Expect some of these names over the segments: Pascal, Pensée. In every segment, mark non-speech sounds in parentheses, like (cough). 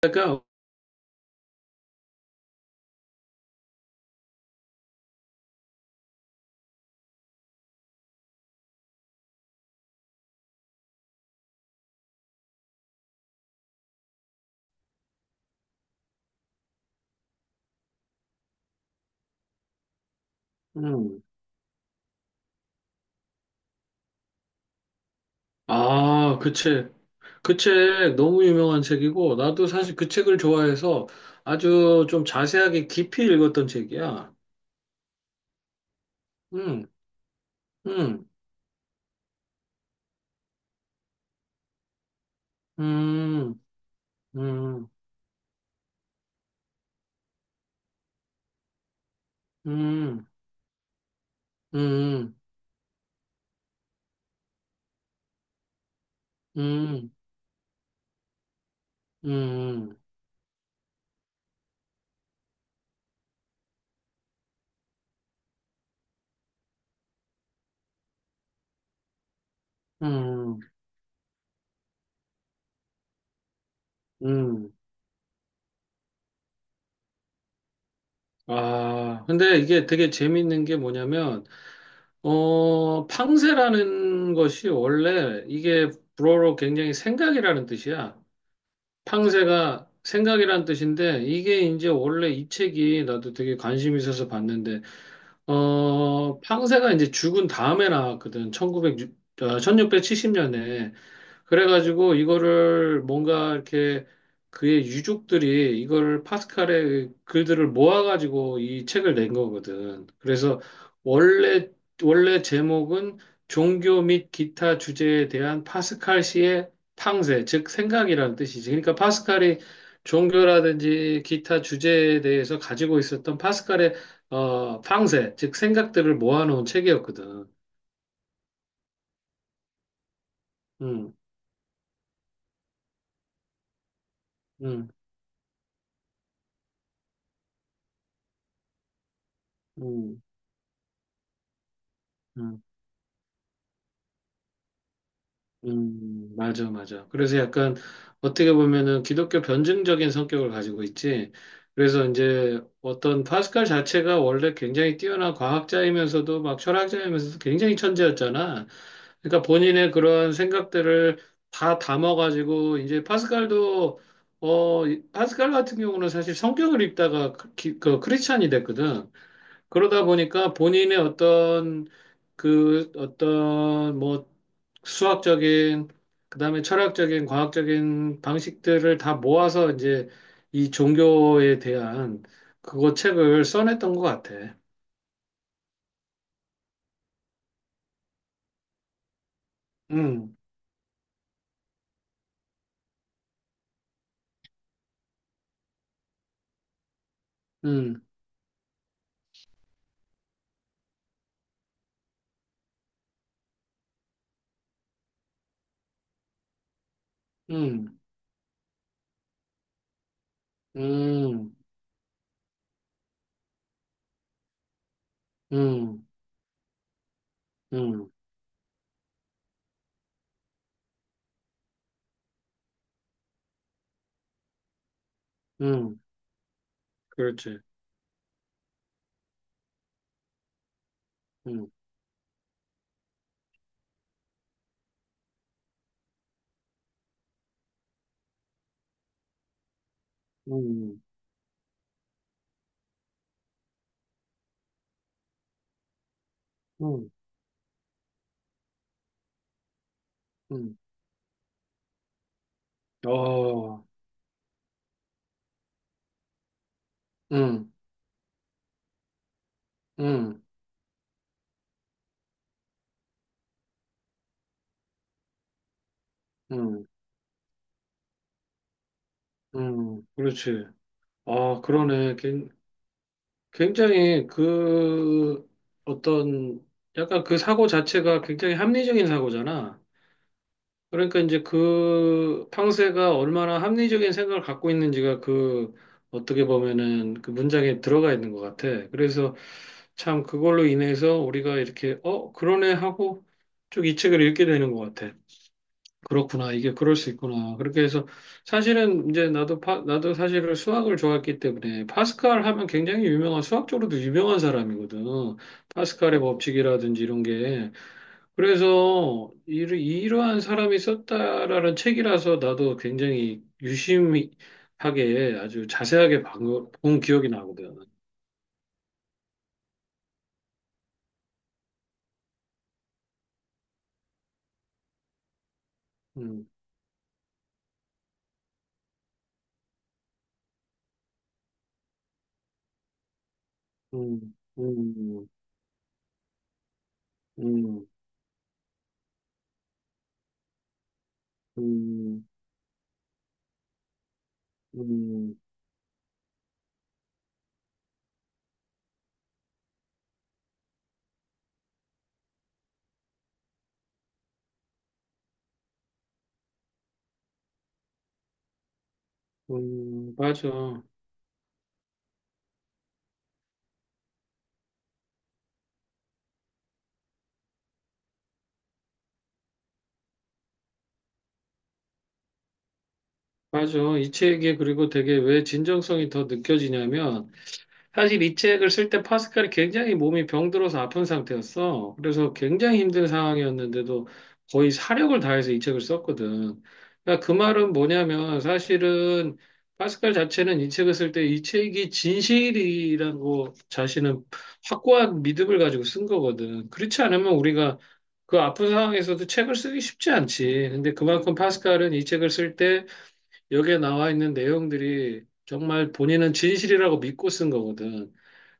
그러니까, 음. 아, 그 책. 그 책 너무 유명한 책이고, 나도 사실 그 책을 좋아해서 아주 좀 자세하게 깊이 읽었던 책이야. 음, 음, 음, 음, 음, 음, 음, 음, 음, 음. 아, 근데 이게 되게 재밌는 게 뭐냐면, 팡세라는 것이 원래 이게 불어로 굉장히 생각이라는 뜻이야. 탕세가 생각이란 뜻인데 이게 이제 원래 이 책이 나도 되게 관심 있어서 봤는데 팡세가 이제 죽은 다음에 나왔거든. 천구백0천 1670년에 그래가지고 이거를 뭔가 이렇게 그의 유족들이 이걸 파스칼의 글들을 모아가지고 이 책을 낸 거거든. 그래서 원래, 원래 제목은 종교 및 기타 주제에 대한 파스칼 시의 탕세, 즉 생각이라는 뜻이지. 그러니까 파스칼이 종교라든지 기타 주제에 대해서 가지고 있었던 파스칼의 탕세, 즉 생각들을 모아놓은 책이었거든. 음, 음, 음, 음. 맞아, 맞아. 그래서 약간 어떻게 보면은 기독교 변증적인 성격을 가지고 있지. 그래서 이제 어떤 파스칼 자체가 원래 굉장히 뛰어난 과학자이면서도 막 철학자이면서도 굉장히 천재였잖아. 그러니까 본인의 그런 생각들을 다 담아가지고 이제 파스칼도 파스칼 같은 경우는 사실 성격을 입다가 그 크리스찬이 됐거든. 그러다 보니까 본인의 어떤 그 어떤 뭐 수학적인 그다음에 철학적인 과학적인 방식들을 다 모아서 이제 이 종교에 대한 그거 책을 써냈던 것 같아. 음, 음, 음, 음, 음, 음, 음, 그렇지. 음, 음, 음, 음, 어, 음, 음, 음, 그렇지. 아, 그러네. 굉장히 그 어떤 약간 그 사고 자체가 굉장히 합리적인 사고잖아. 그러니까 이제 그 팡세가 얼마나 합리적인 생각을 갖고 있는지가 그 어떻게 보면은 그 문장에 들어가 있는 것 같아. 그래서 참 그걸로 인해서 우리가 이렇게 그러네 하고 쭉 이 책을 읽게 되는 것 같아. 그렇구나. 이게 그럴 수 있구나. 그렇게 해서 사실은 이제 나도 사실은 수학을 좋아했기 때문에 파스칼 하면 굉장히 유명한 수학적으로도 유명한 사람이거든. 파스칼의 법칙이라든지 이런 게. 그래서 이러한 사람이 썼다라는 책이라서 나도 굉장히 유심하게 아주 자세하게 본 기억이 나거든. 음, 음, 음, 음, 음, 음, 음, 맞아. 맞아. 이 책이 그리고 되게 왜 진정성이 더 느껴지냐면, 사실 이 책을 쓸 때 파스칼이 굉장히 몸이 병들어서 아픈 상태였어. 그래서 굉장히 힘든 상황이었는데도 거의 사력을 다해서 이 책을 썼거든. 그러니까 그 말은 뭐냐면, 사실은 파스칼 자체는 이 책을 쓸 때 이 책이 진실이라고 자신은 확고한 믿음을 가지고 쓴 거거든. 그렇지 않으면 우리가 그 아픈 상황에서도 책을 쓰기 쉽지 않지. 근데 그만큼 파스칼은 이 책을 쓸때 여기에 나와 있는 내용들이 정말 본인은 진실이라고 믿고 쓴 거거든.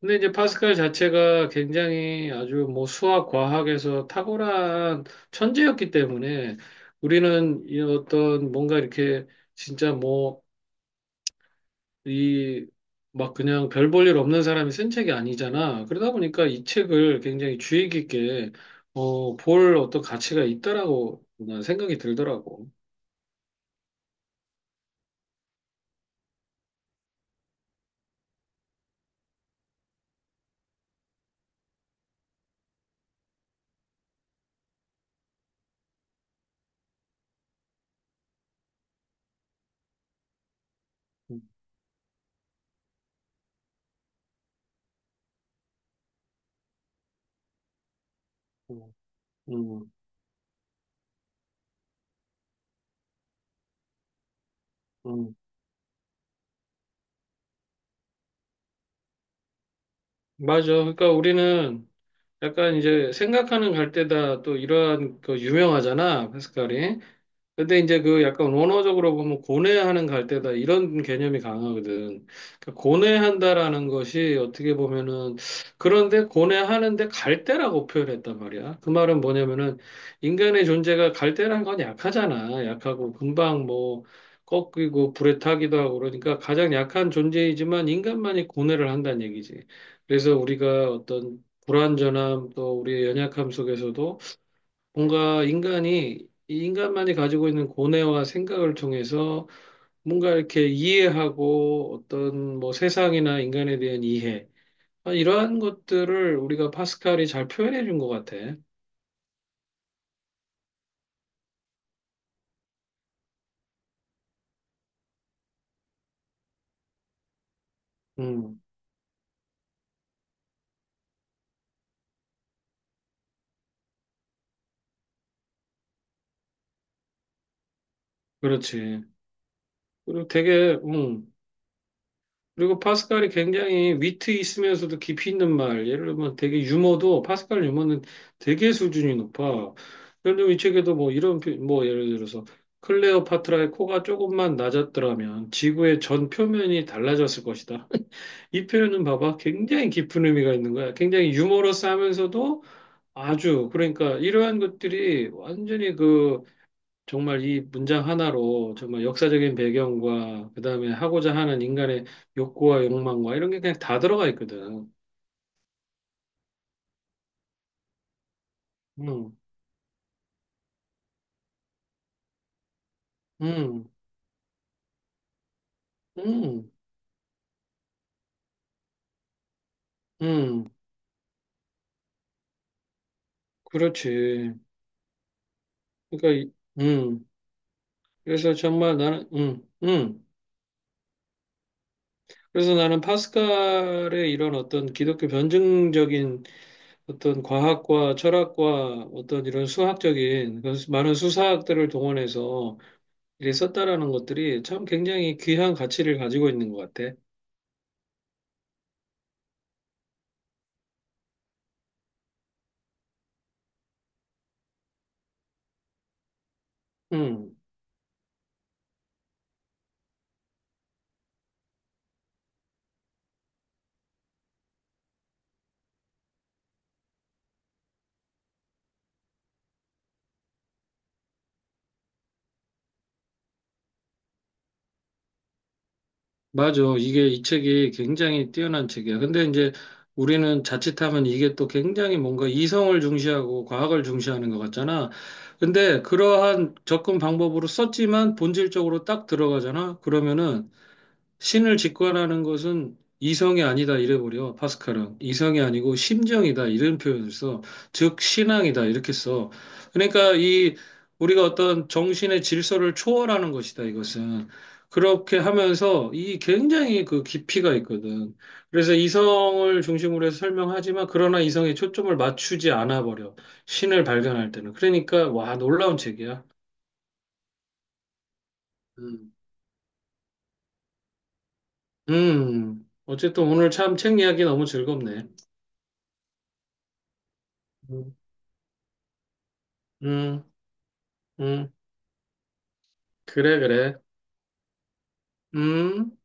근데 이제 파스칼 자체가 굉장히 아주 뭐 수학, 과학에서 탁월한 천재였기 때문에 우리는 이 어떤 뭔가 이렇게 진짜 뭐 이 막 그냥 별 볼일 없는 사람이 쓴 책이 아니잖아. 그러다 보니까 이 책을 굉장히 주의 깊게 볼 어떤 가치가 있다라고 난 생각이 들더라고. 음, 음. 음, 음. 맞아. 그러니까 우리는 약간 이제 생각하는 갈대다 또 이러한 그 유명하잖아, 페스칼이. 근데 이제 그 약간 원어적으로 보면 고뇌하는 갈대다 이런 개념이 강하거든. 그러니까 고뇌한다라는 것이 어떻게 보면은 그런데 고뇌하는데 갈대라고 표현했단 말이야. 그 말은 뭐냐면은 인간의 존재가 갈대라는 건 약하잖아. 약하고 금방 뭐 꺾이고 불에 타기도 하고 그러니까 가장 약한 존재이지만 인간만이 고뇌를 한다는 얘기지. 그래서 우리가 어떤 불완전함 또 우리의 연약함 속에서도 뭔가 인간이 이 인간만이 가지고 있는 고뇌와 생각을 통해서 뭔가 이렇게 이해하고 어떤 뭐 세상이나 인간에 대한 이해 아, 이러한 것들을 우리가 파스칼이 잘 표현해 준 것 같아. 음, 그렇지. 그리고 되게 음, 그리고 파스칼이 굉장히 위트 있으면서도 깊이 있는 말. 예를 들면 되게 유머도 파스칼 유머는 되게 수준이 높아. 예를 들면 이 책에도 뭐 이런 뭐 예를 들어서 클레오파트라의 코가 조금만 낮았더라면 지구의 전 표면이 달라졌을 것이다. (laughs) 이 표현은 봐봐. 굉장히 깊은 의미가 있는 거야. 굉장히 유머러스하면서도 아주 그러니까 이러한 것들이 완전히 그 정말 이 문장 하나로 정말 역사적인 배경과 그다음에 하고자 하는 인간의 욕구와 욕망과 이런 게 그냥 다 들어가 있거든. 음, 음, 음, 음, 그렇지. 그러니까, 이- 음, 그래서 정말 나는, 그래서 나는 파스칼의 이런 어떤 기독교 변증적인 어떤 과학과 철학과 어떤 이런 수학적인 그런 많은 수사학들을 동원해서 이렇게 썼다라는 것들이 참 굉장히 귀한 가치를 가지고 있는 것 같아. 음, 맞아. 이게 이 책이 굉장히 뛰어난 책이야. 근데 이제 우리는 자칫하면 이게 또 굉장히 뭔가 이성을 중시하고 과학을 중시하는 것 같잖아. 근데 그러한 접근 방법으로 썼지만 본질적으로 딱 들어가잖아. 그러면은 신을 직관하는 것은 이성이 아니다 이래버려. 파스칼은 이성이 아니고 심정이다 이런 표현을 써. 즉 신앙이다 이렇게 써. 그러니까 이 우리가 어떤 정신의 질서를 초월하는 것이다 이것은. 그렇게 하면서 이 굉장히 그 깊이가 있거든. 그래서 이성을 중심으로 해서 설명하지만 그러나 이성에 초점을 맞추지 않아 버려. 신을 발견할 때는. 그러니까 와 놀라운 책이야. 음. 음. 어쨌든 오늘 참 책 이야기 너무 즐겁네. 음, 음, 그래, 그래. 음.